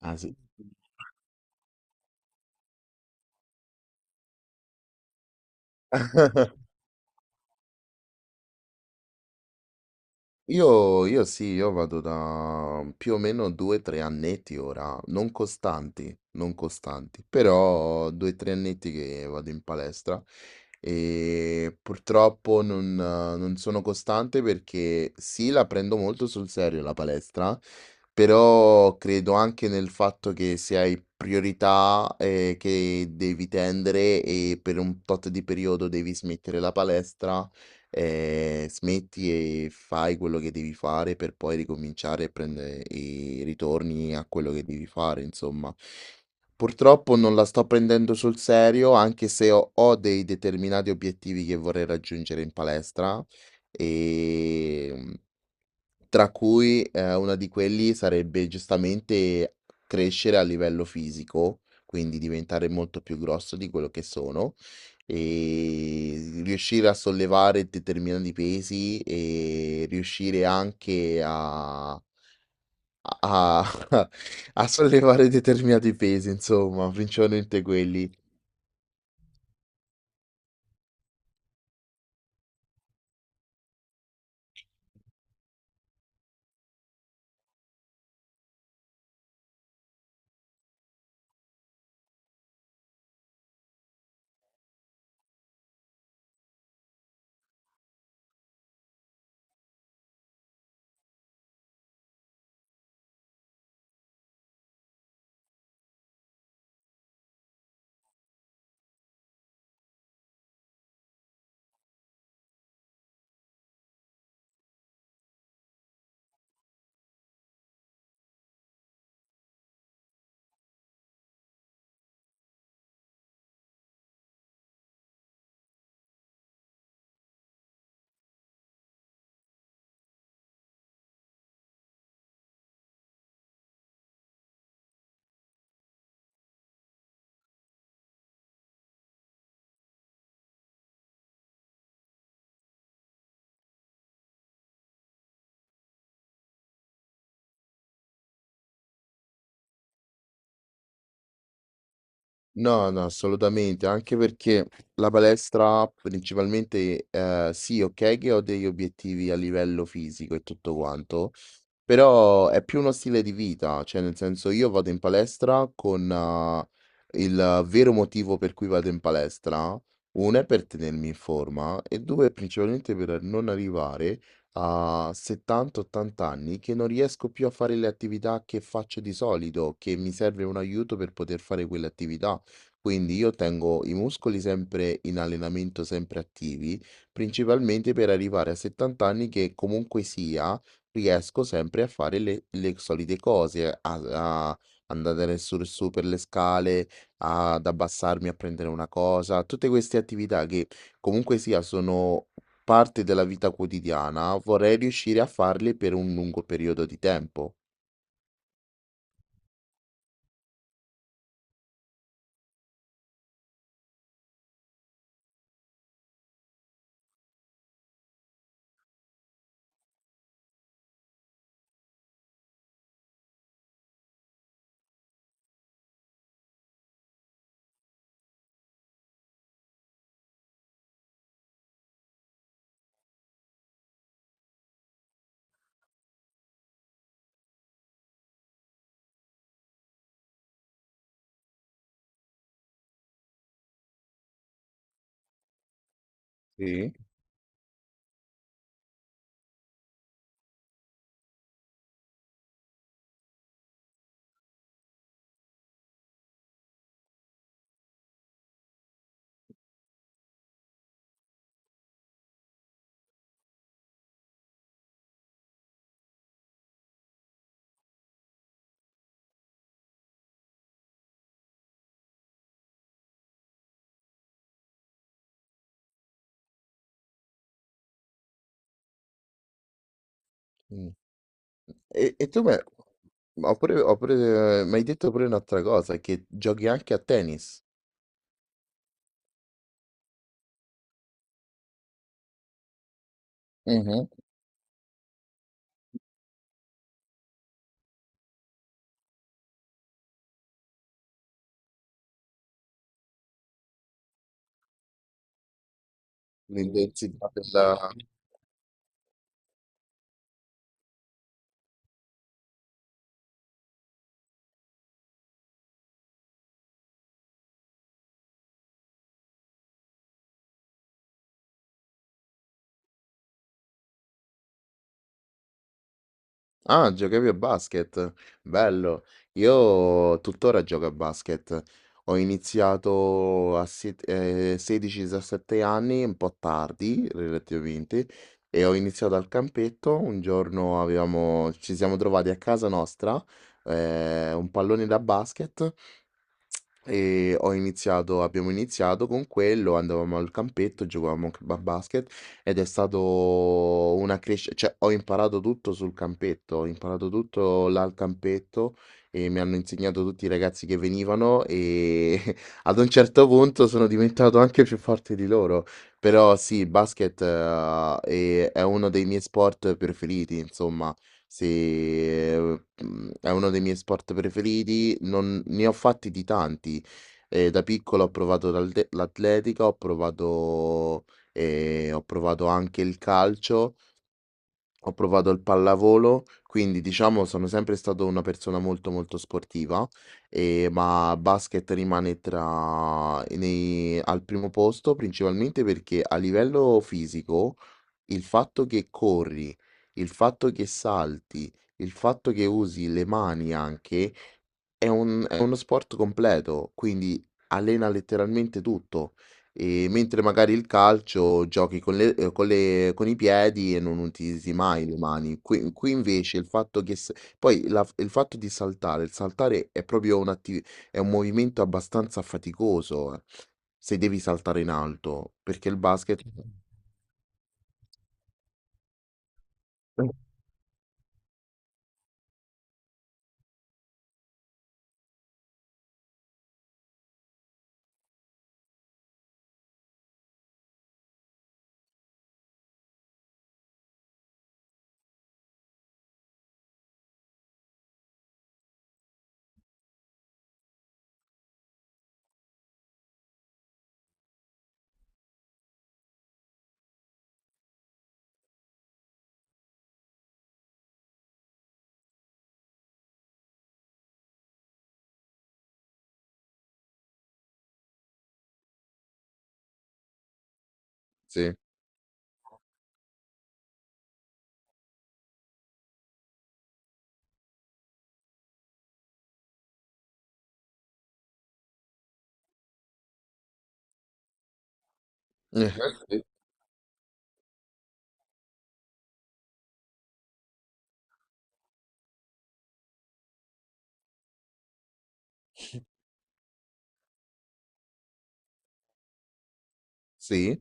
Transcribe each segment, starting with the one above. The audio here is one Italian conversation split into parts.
Ah, sì. Io sì, io vado da più o meno 2 o 3 annetti ora, non costanti, non costanti, però 2 o 3 annetti che vado in palestra e purtroppo non sono costante perché sì, la prendo molto sul serio la palestra, però credo anche nel fatto che se hai priorità che devi tendere e per un tot di periodo devi smettere la palestra. Smetti e fai quello che devi fare per poi ricominciare e prende e ritorni a quello che devi fare, insomma. Purtroppo non la sto prendendo sul serio, anche se ho dei determinati obiettivi che vorrei raggiungere in palestra e tra cui, una di quelli sarebbe giustamente crescere a livello fisico, quindi diventare molto più grosso di quello che sono, riuscire a sollevare determinati pesi e riuscire anche a a a sollevare determinati pesi insomma, principalmente quelli. No, no, assolutamente, anche perché la palestra principalmente, sì, ok che ho degli obiettivi a livello fisico e tutto quanto, però è più uno stile di vita, cioè nel senso io vado in palestra con il vero motivo per cui vado in palestra, uno è per tenermi in forma e due è principalmente per non arrivare a 70-80 anni che non riesco più a fare le attività che faccio di solito, che mi serve un aiuto per poter fare quelle attività. Quindi io tengo i muscoli sempre in allenamento, sempre attivi, principalmente per arrivare a 70 anni che comunque sia riesco sempre a fare le solite cose, a andare adesso su per le scale, ad abbassarmi a prendere una cosa, tutte queste attività che comunque sia sono parte della vita quotidiana, vorrei riuscire a farle per un lungo periodo di tempo. Sì. Mm. E tu mi ma ho pure- mi hai detto pure un'altra cosa, che giochi anche a tennis. Mhm. L'intensità della. Ah, giocavi a basket? Bello. Io tuttora gioco a basket. Ho iniziato a 16-17 anni, un po' tardi relativamente, e ho iniziato al campetto. Un giorno ci siamo trovati a casa nostra, un pallone da basket e ho iniziato abbiamo iniziato con quello, andavamo al campetto, giocavamo anche a basket ed è stato una crescita, cioè ho imparato tutto là al campetto e mi hanno insegnato tutti i ragazzi che venivano e ad un certo punto sono diventato anche più forte di loro. Però sì, il basket è uno dei miei sport preferiti, insomma, sì, è uno dei miei sport preferiti, non ne ho fatti di tanti. Da piccolo ho provato l'atletica, ho provato anche il calcio, ho provato il pallavolo, quindi diciamo sono sempre stato una persona molto, molto sportiva, ma basket rimane tra nei al primo posto, principalmente perché a livello fisico il fatto che corri, il fatto che salti, il fatto che usi le mani anche, è uno sport completo, quindi allena letteralmente tutto. E mentre magari il calcio giochi con con i piedi e non utilizzi mai le mani. Qui invece il fatto che. Poi il fatto di saltare, il saltare è proprio un'attività, è un movimento abbastanza faticoso se devi saltare in alto, perché il basket. Sì. Eh, sì, sì,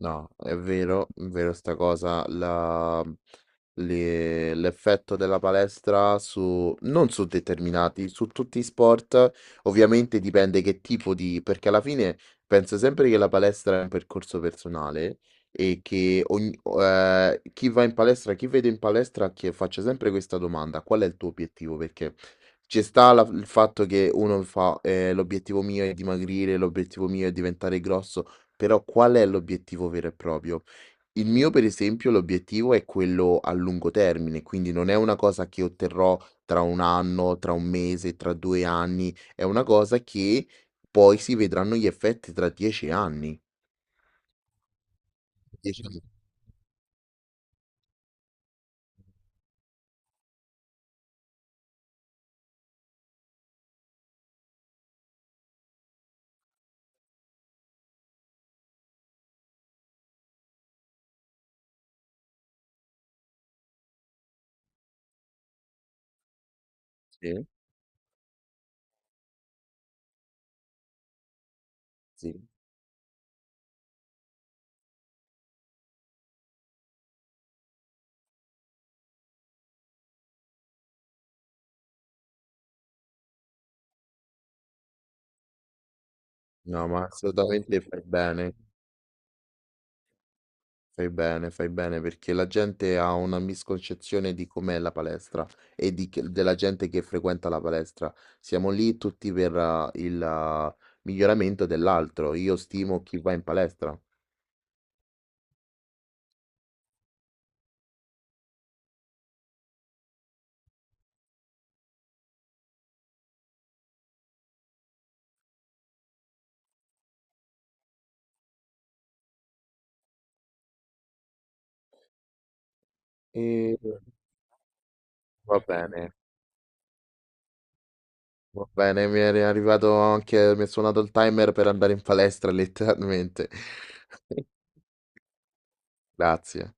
no, è vero sta cosa, l'effetto della palestra su, non su determinati, su tutti i sport, ovviamente dipende che tipo di, perché alla fine penso sempre che la palestra è un percorso personale e che chi va in palestra, chi vedo in palestra, che faccia sempre questa domanda, qual è il tuo obiettivo? Perché ci sta il fatto che uno fa, l'obiettivo mio è dimagrire, l'obiettivo mio è diventare grosso. Però qual è l'obiettivo vero e proprio? Il mio, per esempio, l'obiettivo è quello a lungo termine, quindi non è una cosa che otterrò tra un anno, tra un mese, tra 2 anni, è una cosa che poi si vedranno gli effetti tra 10 anni. 10 anni. Sì, sì. No, ma assolutamente fai bene. Fai bene, fai bene perché la gente ha una misconcezione di com'è la palestra e di della gente che frequenta la palestra. Siamo lì tutti per il miglioramento dell'altro. Io stimo chi va in palestra. E va bene, va bene, mi è suonato il timer per andare in palestra letteralmente. Grazie.